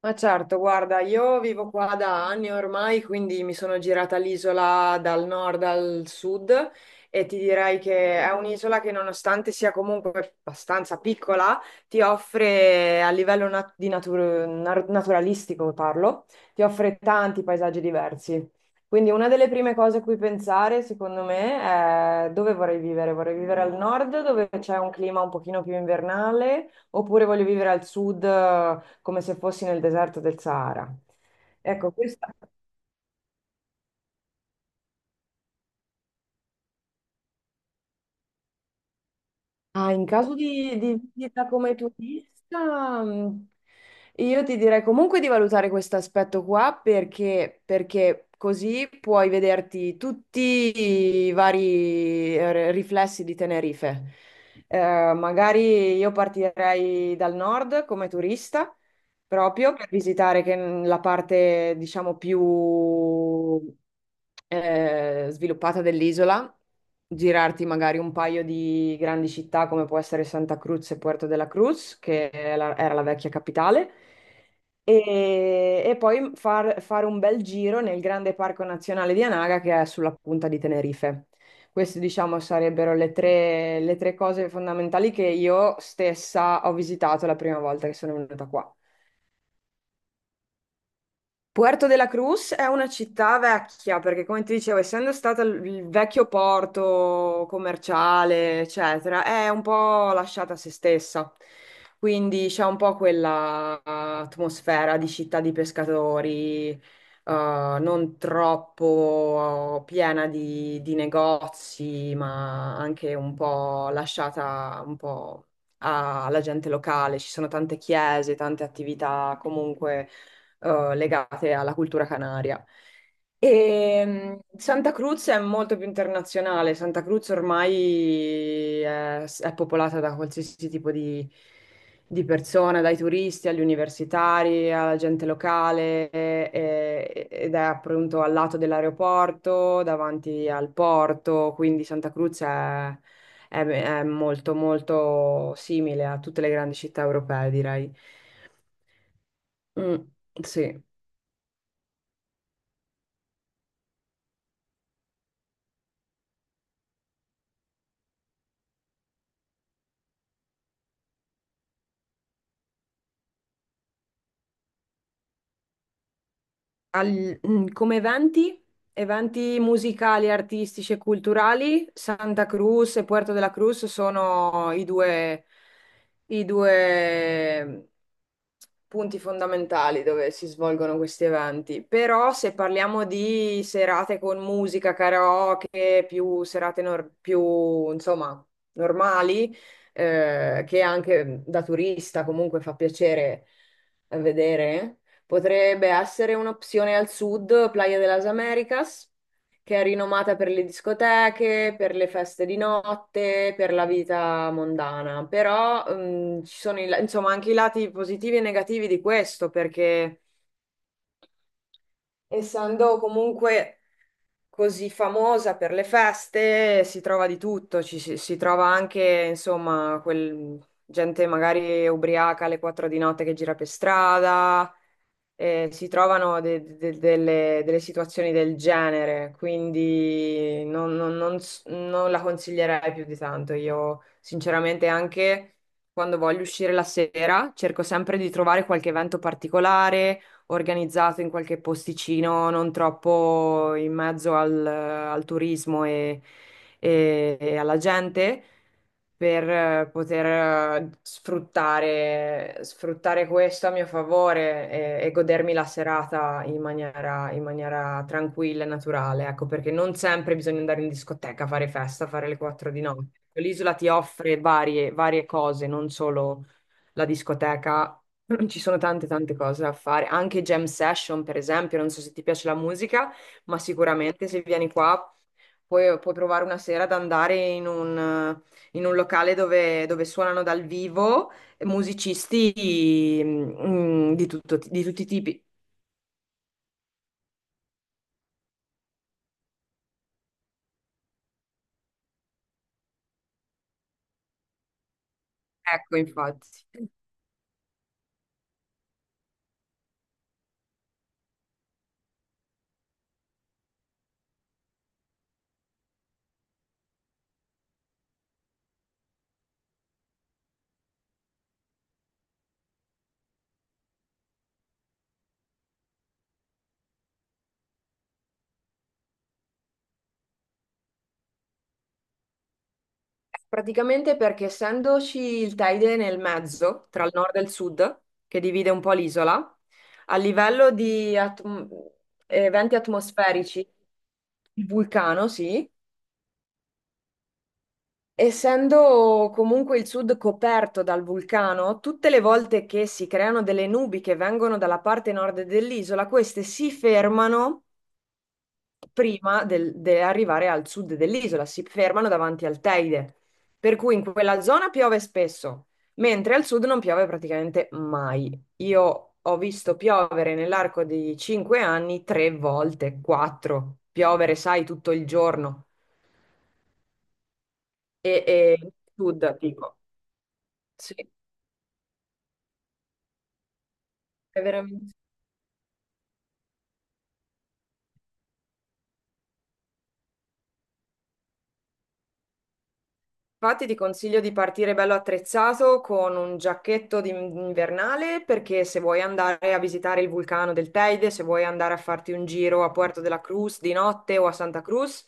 Ma certo, guarda, io vivo qua da anni ormai, quindi mi sono girata l'isola dal nord al sud e ti direi che è un'isola che nonostante sia comunque abbastanza piccola, ti offre a livello naturalistico, parlo, ti offre tanti paesaggi diversi. Quindi una delle prime cose a cui pensare, secondo me, è dove vorrei vivere. Vorrei vivere al nord, dove c'è un clima un pochino più invernale, oppure voglio vivere al sud, come se fossi nel deserto del Sahara. Ecco. Ah, in caso di visita come turista, io ti direi comunque di valutare questo aspetto qua perché, perché così puoi vederti tutti i vari riflessi di Tenerife. Magari io partirei dal nord come turista, proprio per visitare la parte, diciamo, più sviluppata dell'isola, girarti magari un paio di grandi città come può essere Santa Cruz e Puerto de la Cruz, che è era la vecchia capitale, e poi fare un bel giro nel grande parco nazionale di Anaga che è sulla punta di Tenerife. Queste, diciamo, sarebbero le tre cose fondamentali che io stessa ho visitato la prima volta che sono venuta qua. Puerto de la Cruz è una città vecchia, perché come ti dicevo, essendo stato il vecchio porto commerciale, eccetera, è un po' lasciata a se stessa. Quindi c'è un po' quella atmosfera di città di pescatori, non troppo piena di negozi, ma anche un po' lasciata un po' alla gente locale. Ci sono tante chiese, tante attività comunque legate alla cultura canaria. E Santa Cruz è molto più internazionale. Santa Cruz ormai è popolata da qualsiasi tipo di persona, dai turisti agli universitari, alla gente locale, ed è appunto al lato dell'aeroporto, davanti al porto. Quindi Santa Cruz è molto, molto simile a tutte le grandi città europee, direi. Mm, sì. Come eventi musicali, artistici e culturali, Santa Cruz e Puerto de la Cruz sono i due punti fondamentali dove si svolgono questi eventi, però se parliamo di serate con musica, karaoke, più serate insomma, normali, che anche da turista comunque fa piacere vedere, potrebbe essere un'opzione al sud, Playa de las Americas che è rinomata per le discoteche, per le feste di notte, per la vita mondana. Però, ci sono insomma anche i lati positivi e negativi di questo, perché essendo comunque così famosa per le feste, si trova di tutto, si trova anche, insomma, gente magari ubriaca alle 4 di notte che gira per strada, si trovano delle situazioni del genere, quindi non la consiglierei più di tanto. Io, sinceramente, anche quando voglio uscire la sera, cerco sempre di trovare qualche evento particolare organizzato in qualche posticino, non troppo in mezzo al turismo e alla gente, per poter sfruttare questo a mio favore e godermi la serata in maniera tranquilla e naturale, ecco, perché non sempre bisogna andare in discoteca, fare festa, fare le 4 di notte. L'isola ti offre varie cose, non solo la discoteca. Ci sono tante tante cose da fare, anche jam session per esempio, non so se ti piace la musica, ma sicuramente se vieni qua puoi provare una sera ad andare in un locale dove suonano dal vivo musicisti di tutti i tipi. Ecco, infatti. Praticamente perché essendoci il Teide nel mezzo, tra il nord e il sud, che divide un po' l'isola, a livello di eventi atmosferici, il vulcano, sì, essendo comunque il sud coperto dal vulcano, tutte le volte che si creano delle nubi che vengono dalla parte nord dell'isola, queste si fermano prima di arrivare al sud dell'isola, si fermano davanti al Teide, per cui in quella zona piove spesso, mentre al sud non piove praticamente mai. Io ho visto piovere nell'arco di 5 anni 3 volte, quattro, piovere, sai, tutto il giorno e sud, dico. Sì, è veramente. Infatti ti consiglio di partire bello attrezzato con un giacchetto invernale perché se vuoi andare a visitare il vulcano del Teide, se vuoi andare a farti un giro a Puerto de la Cruz di notte o a Santa Cruz,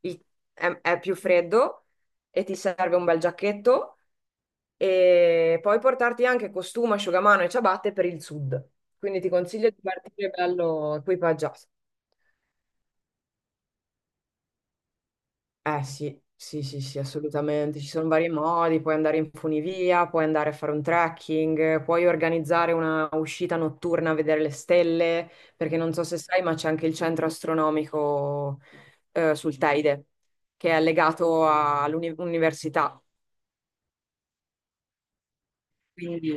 il- è più freddo e ti serve un bel giacchetto e puoi portarti anche costume, asciugamano e ciabatte per il sud. Quindi ti consiglio di partire bello equipaggiato. Eh sì, sì, sì, sì, assolutamente. Ci sono vari modi, puoi andare in funivia, puoi andare a fare un trekking, puoi organizzare una uscita notturna a vedere le stelle, perché non so se sai, ma c'è anche il centro astronomico sul Teide, che è legato all'università. Quindi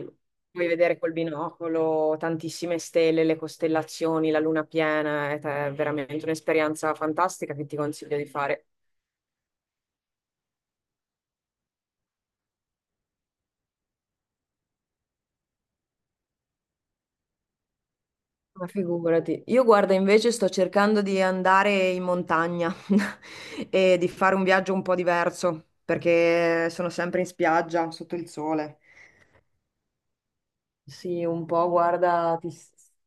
puoi vedere col binocolo tantissime stelle, le costellazioni, la luna piena, ed è veramente un'esperienza fantastica che ti consiglio di fare. Ma figurati, io guarda invece sto cercando di andare in montagna e di fare un viaggio un po' diverso perché sono sempre in spiaggia sotto il sole. Sì, un po' guarda,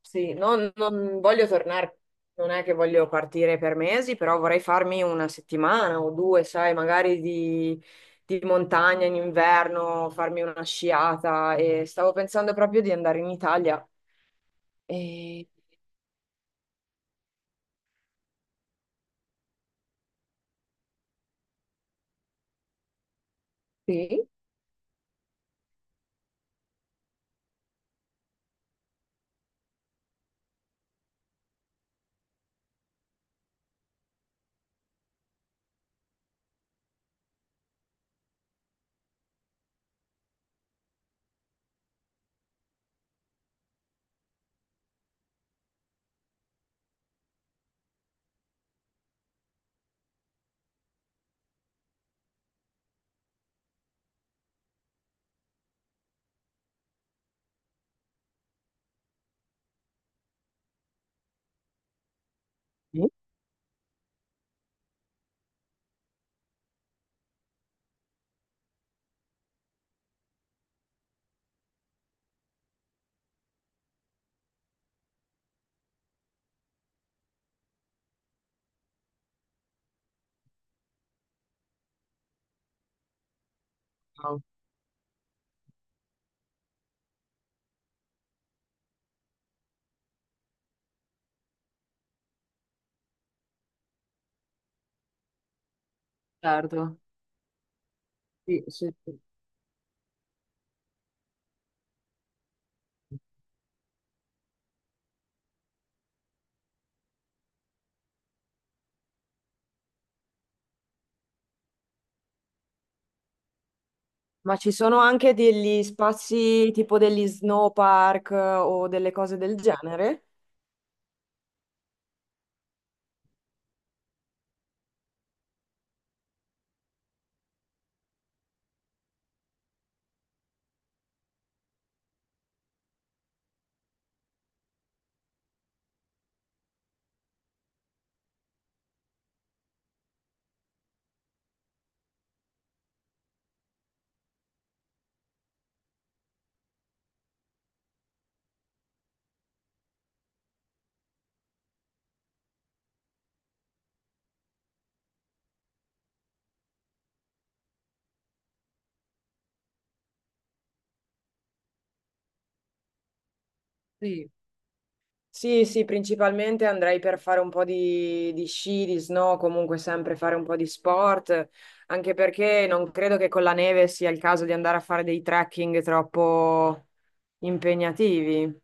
sì, non voglio tornare, non è che voglio partire per mesi, però vorrei farmi una settimana o due, sai, magari di montagna in inverno, farmi una sciata e stavo pensando proprio di andare in Italia. E... Sì. Sì. Certo. Sì, sì, sì. Ma ci sono anche degli spazi tipo degli snow park o delle cose del genere? Sì. Sì, sì, principalmente andrei per fare un po' di sci, di snow, comunque sempre fare un po' di sport, anche perché non credo che con la neve sia il caso di andare a fare dei trekking troppo impegnativi.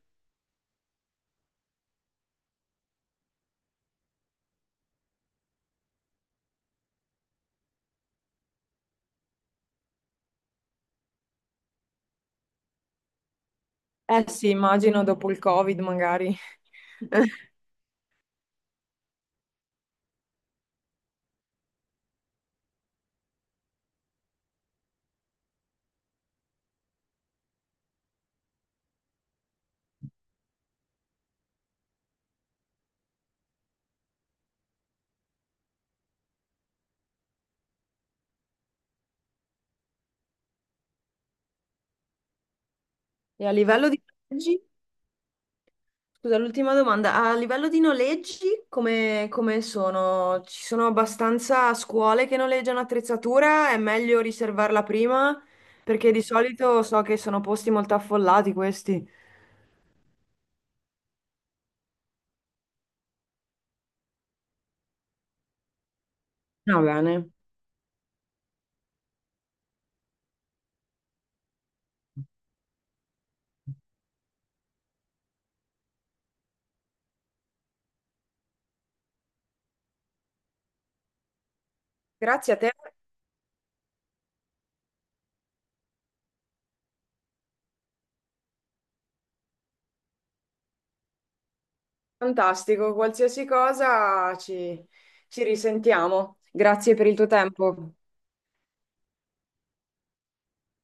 Eh sì, immagino dopo il Covid magari. E a livello di viaggi? Scusa, l'ultima domanda. A livello di noleggi, come sono? Ci sono abbastanza scuole che noleggiano attrezzatura? È meglio riservarla prima? Perché di solito so che sono posti molto affollati questi. Va bene. Grazie a te, fantastico. Qualsiasi cosa ci risentiamo. Grazie per il tuo tempo.